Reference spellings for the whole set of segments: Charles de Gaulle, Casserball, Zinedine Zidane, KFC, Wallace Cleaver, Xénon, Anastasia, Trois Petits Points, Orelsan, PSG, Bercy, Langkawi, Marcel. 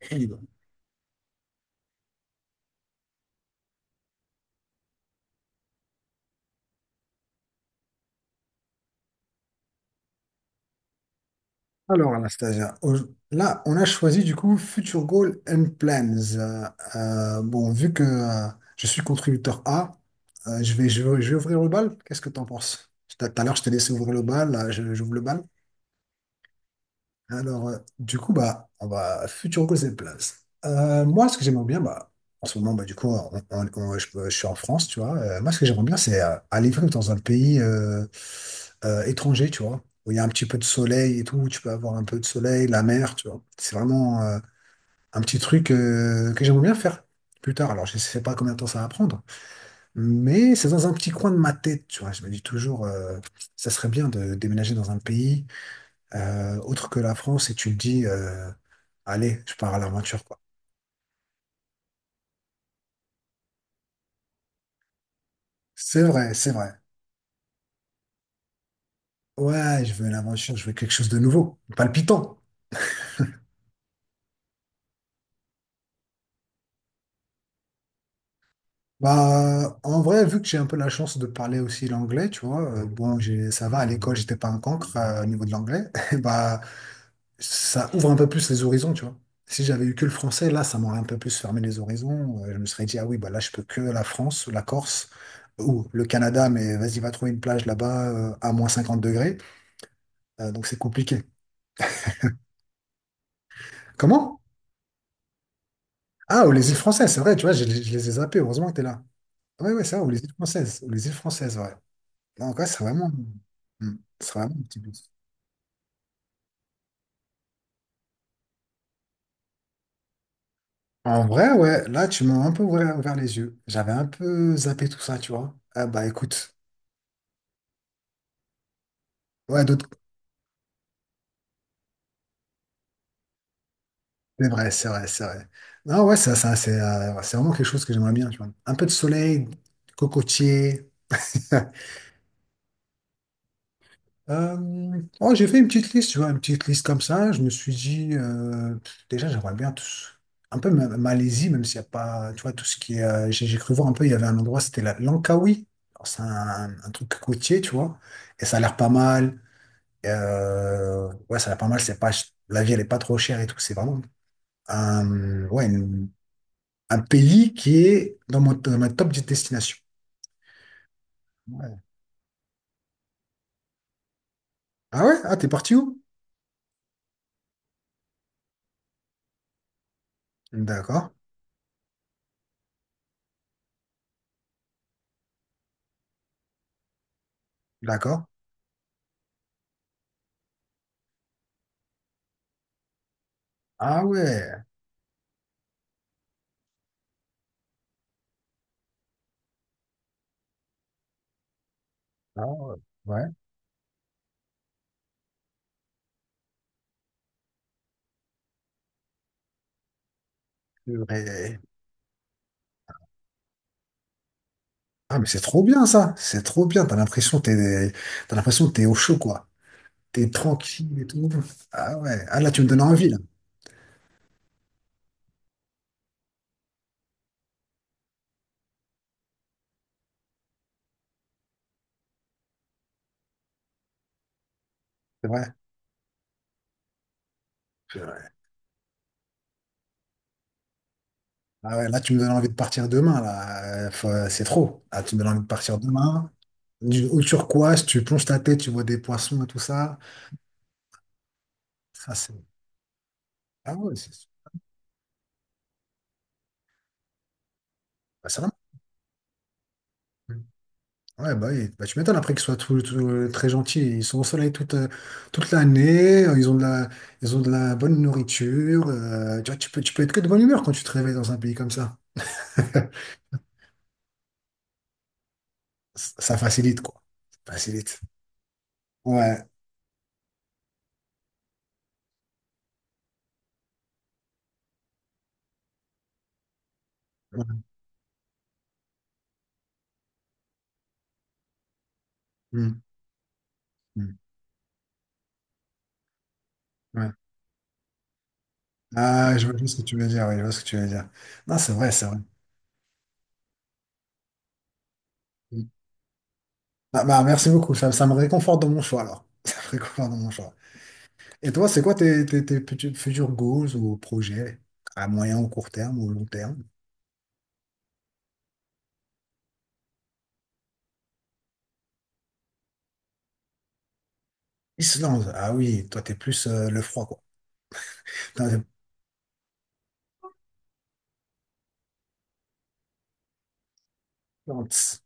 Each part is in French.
Eh ben, Alors, Anastasia, là, on a choisi du coup Future Goal and Plans. Bon, vu que je suis contributeur A, je vais ouvrir le bal. Qu'est-ce que tu en penses? Tout à l'heure, je t'ai laissé ouvrir le bal. Là, j'ouvre le bal. Alors, du coup, bah, on va futur goal cette place. Moi, ce que j'aimerais bien, en ce moment, bah, du coup, je suis en France, tu vois. Moi, ce que j'aimerais bien, c'est aller vivre dans un pays étranger, tu vois, où il y a un petit peu de soleil et tout, où tu peux avoir un peu de soleil, la mer, tu vois. C'est vraiment un petit truc que j'aimerais bien faire plus tard. Alors, je sais pas combien de temps ça va prendre, mais c'est dans un petit coin de ma tête, tu vois. Je me dis toujours, ça serait bien de déménager dans un pays autre que la France et tu te dis, allez, je pars à l'aventure, quoi. C'est vrai, c'est vrai. Ouais, je veux l'aventure, je veux quelque chose de nouveau, palpitant. Bah, en vrai, vu que j'ai un peu la chance de parler aussi l'anglais, tu vois, bon, ça va, à l'école, j'étais pas un cancre au niveau de l'anglais, bah, ça ouvre un peu plus les horizons, tu vois. Si j'avais eu que le français, là, ça m'aurait un peu plus fermé les horizons. Je me serais dit, ah oui, bah là, je peux que la France, la Corse ou le Canada, mais vas-y, va trouver une plage là-bas à -50 degrés. Donc c'est compliqué. Comment? Ah, ou les îles françaises, c'est vrai, tu vois, je les ai zappées, heureusement que t'es là. Ouais, ouais, ça, ou les îles françaises, ou les îles françaises, ouais. Donc ouais, c'est vraiment... hmm, c'est vraiment un petit peu... En vrai, ouais, là, tu m'as un peu ouvert les yeux. J'avais un peu zappé tout ça, tu vois. Ah bah écoute, ouais, d'autres... C'est vrai, c'est vrai, c'est vrai. Non, ouais, ça, c'est ouais, c'est vraiment quelque chose que j'aimerais bien, tu vois. Un peu de soleil, cocotier. Oh, j'ai fait une petite liste, tu vois, une petite liste comme ça. Je me suis dit, pff, déjà, j'aimerais bien un peu Malaisie, même s'il n'y a pas, tu vois, tout ce qui est. J'ai cru voir un peu, il y avait un endroit, c'était la Langkawi. Alors, c'est un truc côtier, tu vois, et ça a l'air pas mal. Ouais, ça a l'air pas mal. C'est pas, ch- La vie, elle est pas trop chère et tout. C'est vraiment un, ouais, une- un pays qui est dans dans ma top des destinations. Ouais. Ah ouais? Ah, t'es parti où? D'accord, d'accord. Ah ouais. Ah ouais. Ouais. Purée. Ah, mais c'est trop bien ça, c'est trop bien. T'as l'impression que t'es au chaud quoi. T'es tranquille et tout. Ah ouais. Ah là, tu me donnes envie là. C'est vrai. Purée. Ah ouais, là, tu me donnes envie de partir demain là. C'est trop. Là, tu me donnes envie de partir demain. Du, au turquoise, tu plonges ta tête, tu vois des poissons et tout ça. Ça c'est. Ah ouais, c'est. Bah, c'est vraiment. Ouais, bah oui, bah, tu m'étonnes après qu'ils soient tout, tout, très gentils. Ils sont au soleil toute, toute l'année, ils ont de la bonne nourriture. Tu vois, tu peux être que de bonne humeur quand tu te réveilles dans un pays comme ça. Ça facilite, quoi. Ça facilite. Ouais. Ouais. Mm. Mm. Ouais. Ah, je vois juste ce que tu veux dire, oui, je vois ce que tu veux dire. Non, c'est vrai, c'est vrai. Mm. Ah, bah, merci beaucoup, ça me réconforte dans mon choix, alors. Ça me réconforte dans mon choix. Et toi, c'est quoi tes petits- futurs goals ou projets à moyen ou court terme ou long terme? Islande, ah oui, toi t'es plus le froid quoi. Putain, t'es- non, tss.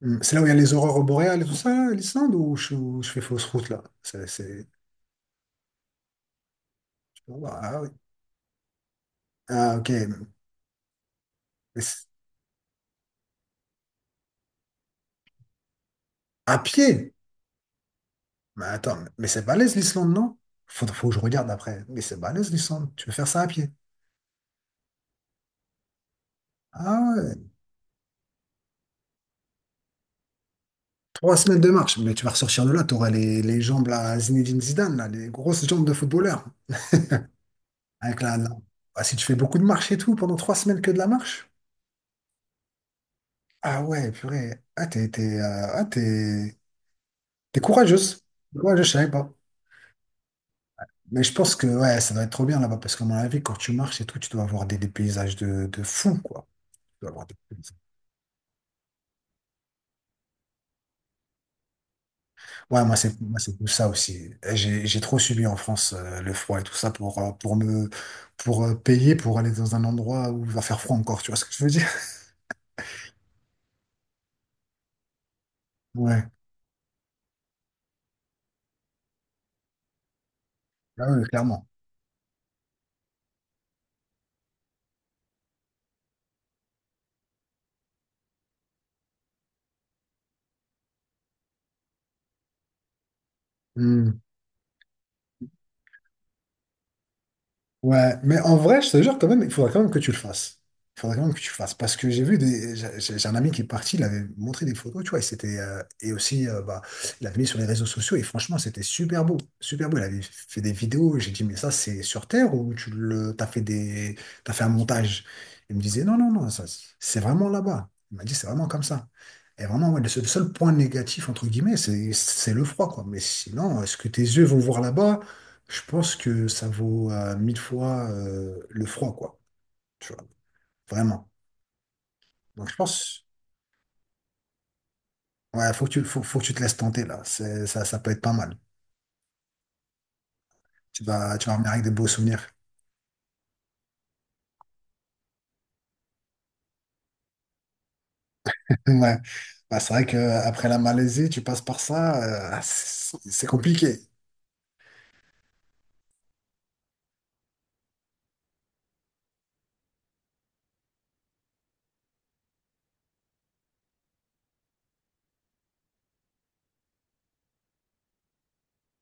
Hmm, c'est là où il y a les aurores boréales et tout ça, là, l'Islande, ou je fais fausse route là? Je peux voir, ah oui. Ah ok. C'est- à pied? Mais attends, mais c'est balèze l'Islande, non? Faut que je regarde après. Mais c'est balèze l'Islande, tu veux faire ça à pied? Ah ouais, 3 semaines de marche, mais tu vas ressortir de là, les jambes là, Zinedine Zidane, là, les grosses jambes de footballeur. Avec la, la- Ah, si tu fais beaucoup de marche et tout, pendant 3 semaines que de la marche. Ah ouais, purée. Ah, t'es courageuse. T'es courageuse, je savais pas. Mais je pense que ouais, ça doit être trop bien là-bas parce qu'à mon avis, quand tu marches et tout, tu dois avoir des paysages de fou, quoi. Tu dois avoir des paysages. Ouais, moi, c'est tout ça aussi. J'ai trop subi en France le froid et tout ça pour me pour payer pour aller dans un endroit où il va faire froid encore, tu vois ce que je veux dire? Ouais, ah ouais, clairement. Hmm. Ouais, mais en vrai, je te jure quand même, il faudrait quand même que tu le fasses. Il faudrait quand même que tu le fasses. Parce que j'ai vu des. J'ai un ami qui est parti, il avait montré des photos, tu vois, et c'était. Et aussi, bah, il l'avait mis sur les réseaux sociaux, et franchement, c'était super beau. Super beau. Il avait fait des vidéos, et j'ai dit, mais ça, c'est sur Terre ou t'as fait t'as fait un montage? Il me disait, non, non, non, ça, c'est vraiment là-bas. Il m'a dit, c'est vraiment comme ça. Et vraiment, ouais, le seul point négatif, entre guillemets, c'est le froid, quoi. Mais sinon, est-ce que tes yeux vont voir là-bas? Je pense que ça vaut 1000 fois le froid, quoi. Tu vois, vraiment. Donc je pense, ouais, faut que tu te laisses tenter là. Ça peut être pas mal. Tu vas revenir avec des beaux souvenirs. Ouais. Bah, c'est vrai que après la Malaisie, tu passes par ça, c'est compliqué.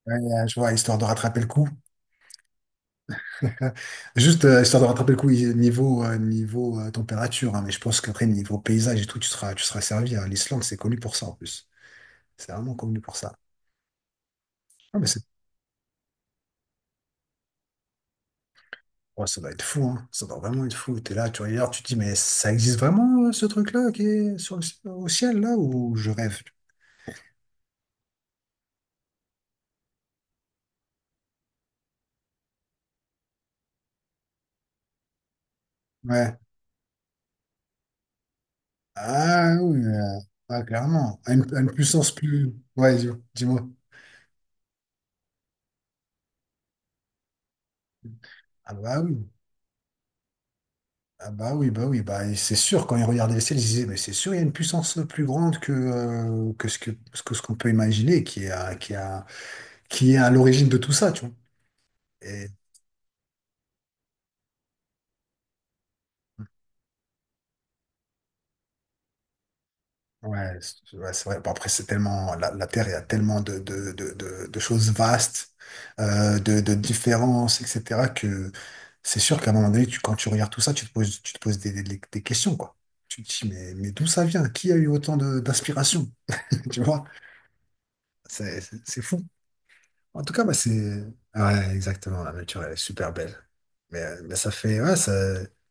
Ouais, je vois, histoire de rattraper le coup. Euh, Juste, histoire de rattraper le coup, niveau, température, hein, mais je pense qu'après, niveau paysage et tout, tu seras servi. Hein. L'Islande, c'est connu pour ça en plus. C'est vraiment connu pour ça. Ah, mais c'est, ouais, ça doit être fou, hein. Ça doit vraiment être fou. T'es là, tu regardes, tu te dis, mais ça existe vraiment, ce truc-là, qui est sur le, au ciel, là, ou je rêve? Ouais. Ah oui, ah, clairement. À une puissance plus. Ouais, dis-moi. Ah bah oui. Ah bah oui, bah oui, bah et c'est sûr, quand ils regardaient le ciel, ils se disaient, mais c'est sûr, il y a une puissance plus grande que, ce qu'on peut imaginer, qui est à l'origine de tout ça, tu vois. Et ouais, c'est vrai. Bon, après, c'est tellement, la Terre, il y a tellement de choses vastes, de différences, etc., que c'est sûr qu'à un moment donné, tu, quand tu regardes tout ça, tu te poses des questions, quoi. Tu te dis, mais d'où ça vient? Qui a eu d'inspiration? Tu vois? C'est fou. En tout cas, bah c'est. Ouais, exactement, la nature, elle est super belle. Mais ça fait.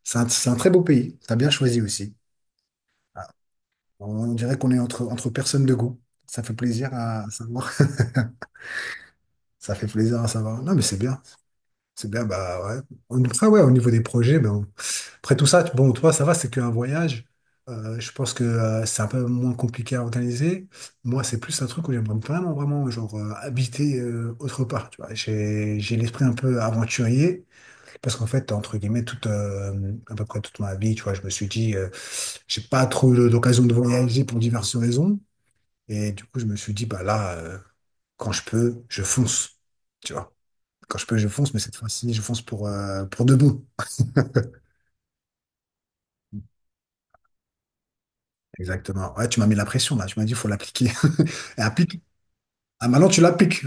C'est un, c'est un très beau pays. T'as bien choisi aussi. Ah, on dirait qu'on est entre, entre personnes de goût. Ça fait plaisir à savoir. Ça fait plaisir à savoir. Non, mais c'est bien. C'est bien, bah ouais. Après, ouais, au niveau des projets, ben, après tout ça, bon, toi, ça va, c'est qu'un voyage. Je pense que c'est un peu moins compliqué à organiser. Moi, c'est plus un truc où j'aimerais vraiment, genre, habiter autre part. Tu vois, j'ai l'esprit un peu aventurier parce qu'en fait, entre guillemets, toute, à peu près toute ma vie, tu vois, je me suis dit, j'ai pas trop eu l'occasion de voyager pour diverses raisons. Et du coup, je me suis dit, bah là, quand je peux, je fonce. Tu vois, quand je peux, je fonce, mais cette fois-ci, je fonce pour de bon. Exactement. Ouais, tu m'as mis la pression là. Tu m'as dit, il faut l'appliquer. Et applique. Ah, maintenant, tu l'appliques.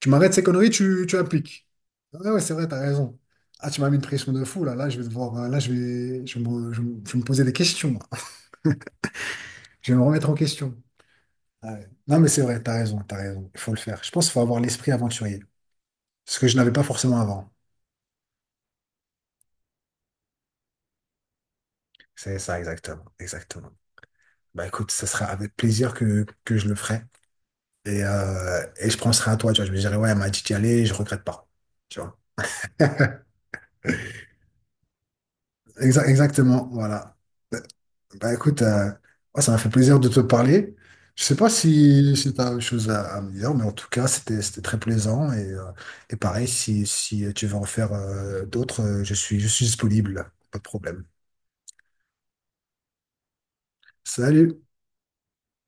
Tu m'arrêtes ces conneries, tu appliques. Ouais, c'est vrai, t'as raison. Ah, tu m'as mis une pression de fou là. Là, je vais devoir. Là, je vais me poser des questions. Je vais me remettre en question. Ah ouais. Non, mais c'est vrai, t'as raison, t'as raison. Il faut le faire. Je pense qu'il faut avoir l'esprit aventurier. Ce que je n'avais pas forcément avant. C'est ça, exactement. Exactement. Bah écoute, ce sera avec plaisir que je le ferai. Et je penserai à toi, tu vois. Je me dirai, ouais, elle m'a dit d'y aller, je regrette pas. Tu vois. Exactement, voilà. Bah, Bah, écoute, ouais, ça m'a fait plaisir de te parler. Je sais pas si tu as autre chose à me dire, mais en tout cas, c'était très plaisant. Et pareil, si tu veux en faire d'autres, je suis disponible, pas de problème. Salut!